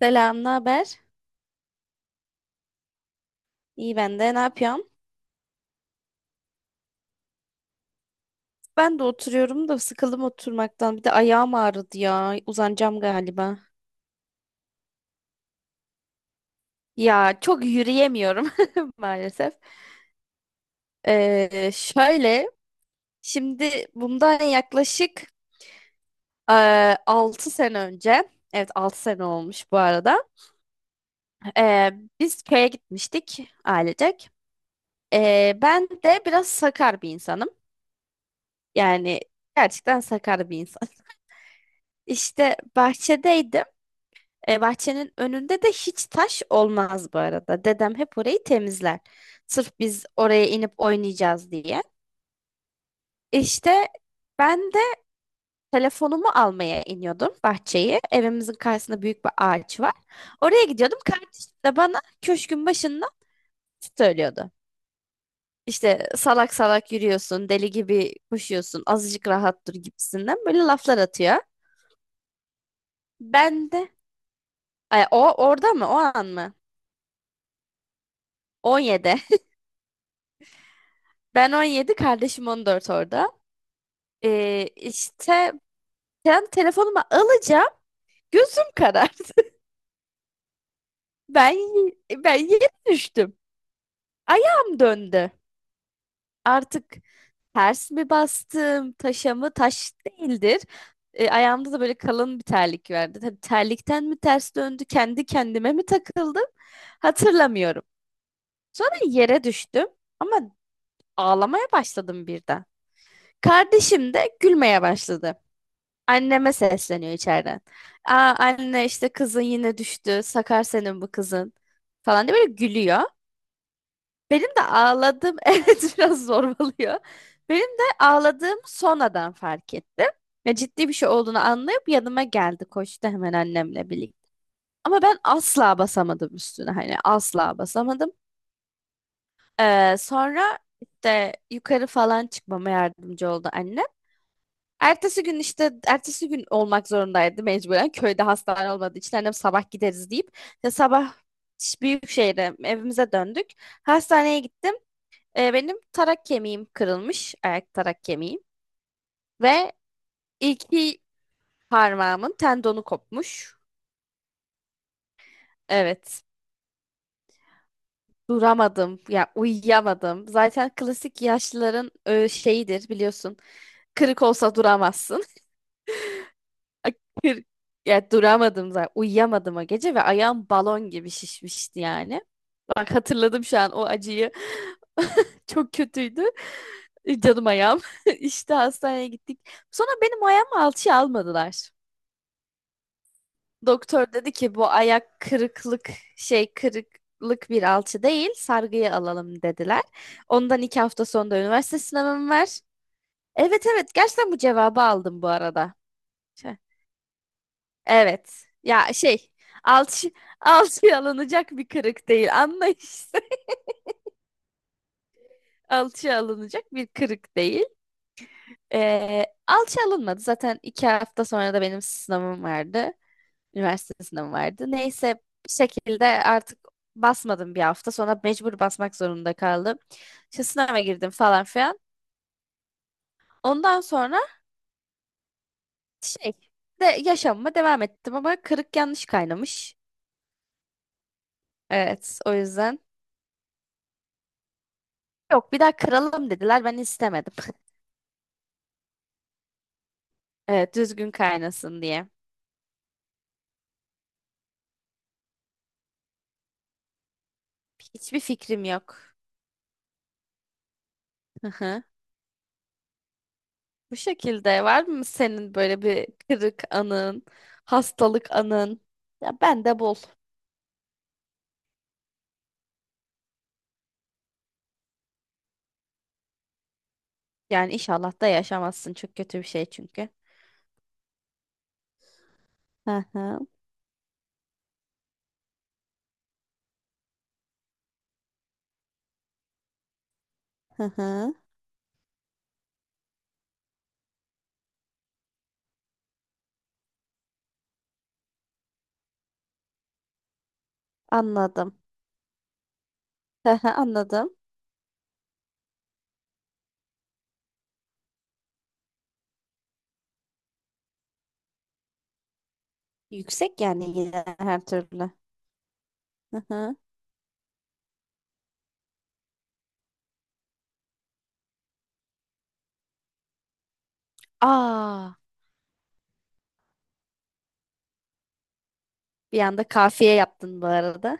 Selam, ne haber? İyi ben de. Ne yapıyorsun? Ben de oturuyorum da sıkıldım oturmaktan. Bir de ayağım ağrıdı ya. Uzanacağım galiba. Ya çok yürüyemiyorum maalesef. Şöyle, şimdi bundan yaklaşık e, 6 sene önce, evet 6 sene olmuş bu arada. Ee, biz köye gitmiştik ailecek. Ben de biraz sakar bir insanım. Yani gerçekten sakar bir insan. İşte bahçedeydim. Bahçenin önünde de hiç taş olmaz bu arada. Dedem hep orayı temizler. Sırf biz oraya inip oynayacağız diye. İşte ben de telefonumu almaya iniyordum bahçeyi. Evimizin karşısında büyük bir ağaç var. Oraya gidiyordum. Kardeşim de bana köşkün başında söylüyordu. İşte salak salak yürüyorsun, deli gibi koşuyorsun, azıcık rahat dur gibisinden böyle laflar atıyor. Ben de, ay, o orada mı, o an mı? 17. Ben 17, kardeşim 14 orada. İşte ben telefonuma alacağım. Gözüm karardı. Ben ben yere düştüm. Ayağım döndü. Artık ters mi bastım, taşa mı? Taş değildir. Ayağımda da böyle kalın bir terlik vardı. Tabii terlikten mi ters döndü, kendi kendime mi takıldım? Hatırlamıyorum. Sonra yere düştüm ama ağlamaya başladım birden. Kardeşim de gülmeye başladı. Anneme sesleniyor içeriden. Aa anne, işte kızın yine düştü. Sakar senin bu kızın. Falan diye böyle gülüyor. Benim de ağladığım evet biraz zorbalıyor. Benim de ağladığım sonradan fark ettim. Ya ciddi bir şey olduğunu anlayıp yanıma geldi. Koştu hemen annemle birlikte. Ama ben asla basamadım üstüne. Hani asla basamadım. Sonra işte yukarı falan çıkmama yardımcı oldu anne. Ertesi gün işte ertesi gün olmak zorundaydı mecburen. Köyde hastane olmadığı için annem sabah gideriz deyip işte sabah büyük şehre evimize döndük. Hastaneye gittim. Benim tarak kemiğim kırılmış. Ayak tarak kemiğim. Ve iki parmağımın tendonu kopmuş. Evet. Duramadım. Ya uyuyamadım. Zaten klasik yaşlıların şeyidir biliyorsun. Kırık olsa duramazsın. Kır- Ya duramadım zaten. Uyuyamadım o gece ve ayağım balon gibi şişmişti yani. Bak hatırladım şu an o acıyı. Çok kötüydü. Canım ayağım. İşte hastaneye gittik. Sonra benim ayağımı alçıya almadılar. Doktor dedi ki bu ayak kırıklık bir alçı değil, sargıyı alalım dediler. Ondan 2 hafta sonra da üniversite sınavım var. Evet evet, gerçekten bu cevabı aldım bu arada. Evet. Ya alçı, alçıya alınacak bir kırık değil. Anla işte. Alçıya alınacak bir kırık değil. Alçı alınmadı. Zaten 2 hafta sonra da benim sınavım vardı. Üniversite sınavım vardı. Neyse bir şekilde artık basmadım bir hafta. Sonra mecbur basmak zorunda kaldım. İşte sınava girdim falan filan. Ondan sonra şey de yaşamıma devam ettim ama kırık yanlış kaynamış. Evet o yüzden. Yok, bir daha kıralım dediler. Ben istemedim. Evet, düzgün kaynasın diye. Hiçbir fikrim yok. Hı hı. Bu şekilde var mı senin böyle bir kırık anın, hastalık anın? Ya ben de bul. Yani inşallah da yaşamazsın. Çok kötü bir şey çünkü. Hı hı, hı hı. Anladım. Hı hı, anladım. Yüksek yani yine her türlü. Hı hı. Aa, bir anda kafiye yaptın bu arada.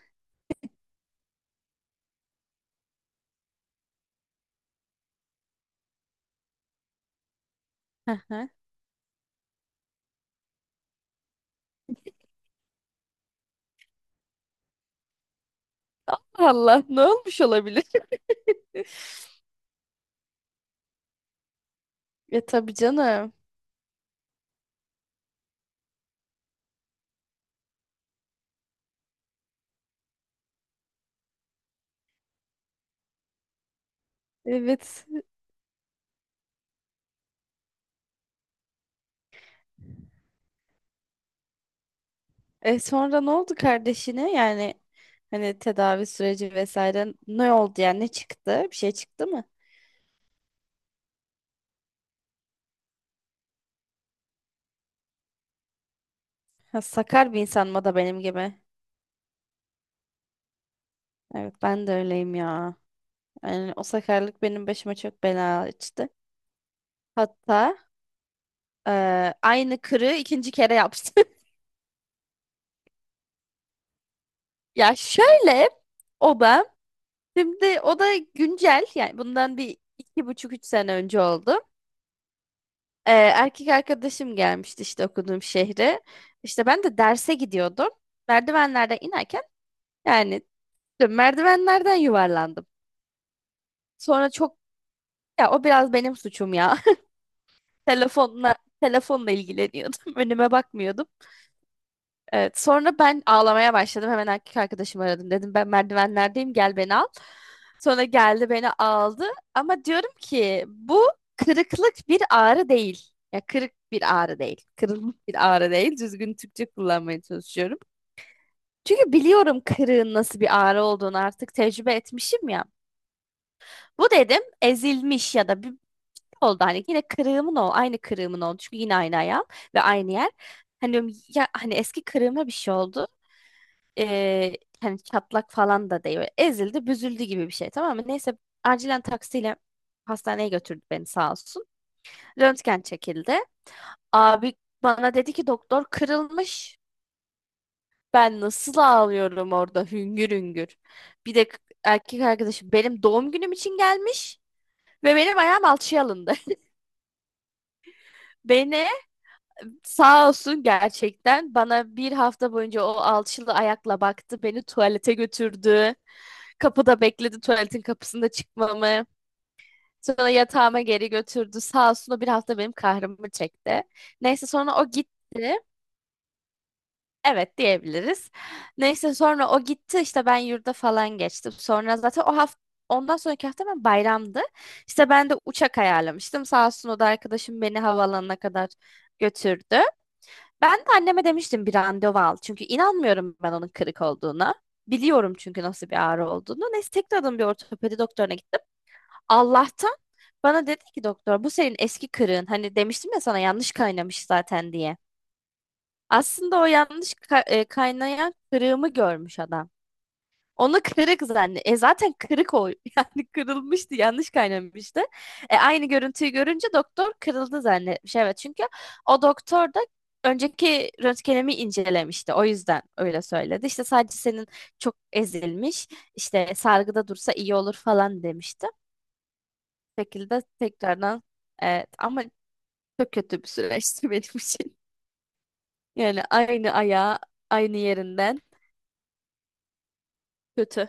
Hı hı. Allah ne olmuş olabilir? Ya tabii canım. Evet. E sonra ne oldu kardeşine? Yani hani tedavi süreci vesaire ne oldu, yani ne çıktı? Bir şey çıktı mı? Ha, sakar bir insan mı o da benim gibi? Evet ben de öyleyim ya. Yani o sakarlık benim başıma çok bela açtı. Hatta aynı kırığı ikinci kere yaptı. Ya şöyle, o da şimdi o da güncel yani bundan bir iki buçuk üç sene önce oldu. Erkek arkadaşım gelmişti işte okuduğum şehre. İşte ben de derse gidiyordum. Merdivenlerden inerken yani merdivenlerden yuvarlandım. Sonra çok, ya o biraz benim suçum ya. Telefonla telefonla ilgileniyordum. Önüme bakmıyordum. Evet, sonra ben ağlamaya başladım. Hemen erkek arkadaşımı aradım. Dedim ben merdivenlerdeyim, gel beni al. Sonra geldi beni aldı. Ama diyorum ki bu kırıklık bir ağrı değil. Ya kırık bir ağrı değil. Kırılmış bir ağrı değil. Düzgün Türkçe kullanmaya çalışıyorum. Çünkü biliyorum kırığın nasıl bir ağrı olduğunu, artık tecrübe etmişim ya. Bu dedim ezilmiş ya da bir oldu, hani yine kırığımın oldu. Aynı kırığımın oldu. Çünkü yine aynı ayağım ve aynı yer. Hani diyorum, ya hani eski kırığıma bir şey oldu. Ee, hani çatlak falan da değil. Böyle ezildi, büzüldü gibi bir şey, tamam mı? Neyse acilen taksiyle hastaneye götürdü beni, sağ olsun. Röntgen çekildi. Abi bana dedi ki doktor kırılmış. Ben nasıl ağlıyorum orada hüngür hüngür. Bir de erkek arkadaşım benim doğum günüm için gelmiş ve benim ayağım alçıya alındı. Beni, sağ olsun, gerçekten bana bir hafta boyunca o alçılı ayakla baktı. Beni tuvalete götürdü. Kapıda bekledi, tuvaletin kapısında çıkmamı. Sonra yatağıma geri götürdü. Sağ olsun, o bir hafta benim kahrımı çekti. Neyse sonra o gitti. Evet diyebiliriz. Neyse sonra o gitti, işte ben yurda falan geçtim. Sonra zaten o hafta, ondan sonraki hafta ben bayramdı. İşte ben de uçak ayarlamıştım. Sağ olsun o da, arkadaşım beni havaalanına kadar götürdü. Ben de anneme demiştim bir randevu al. Çünkü inanmıyorum ben onun kırık olduğuna. Biliyorum çünkü nasıl bir ağrı olduğunu. Neyse tekrardan bir ortopedi doktoruna gittim. Allah'tan bana dedi ki doktor bu senin eski kırığın. Hani demiştim ya sana yanlış kaynamış zaten diye. Aslında o yanlış kaynayan kırığımı görmüş adam. Onu kırık zannet. E zaten kırık o. Yani kırılmıştı, yanlış kaynamıştı. E aynı görüntüyü görünce doktor kırıldı zannetmiş. Evet çünkü o doktor da önceki röntgenimi incelemişti. O yüzden öyle söyledi. İşte sadece senin çok ezilmiş, işte sargıda dursa iyi olur falan demişti şekilde tekrardan, evet ama çok kötü bir süreçti benim için. Yani aynı ayağı aynı yerinden, kötü.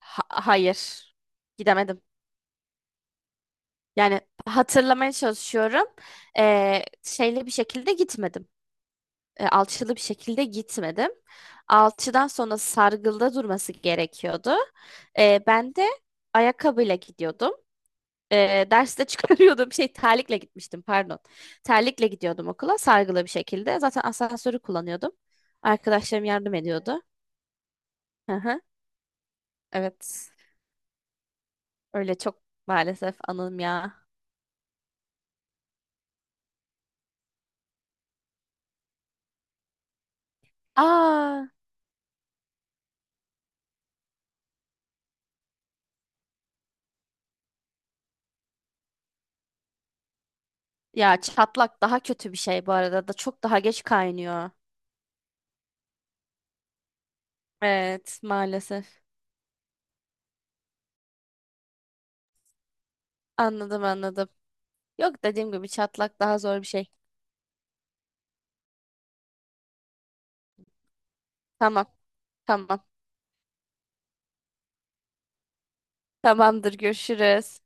Hayır. Gidemedim. Yani hatırlamaya çalışıyorum. Şeyli bir şekilde gitmedim. Alçılı bir şekilde gitmedim. Alçıdan sonra sargılda durması gerekiyordu. Ben de ayakkabıyla gidiyordum. Derste çıkarıyordum terlikle gitmiştim, pardon. Terlikle gidiyordum okula sargılı bir şekilde. Zaten asansörü kullanıyordum. Arkadaşlarım yardım ediyordu. Hı hı. Evet. Öyle çok maalesef anım ya. Aa, ya çatlak daha kötü bir şey bu arada, da çok daha geç kaynıyor. Evet maalesef. Anladım anladım. Yok, dediğim gibi çatlak daha zor bir şey. Tamam tamam. Tamamdır, görüşürüz.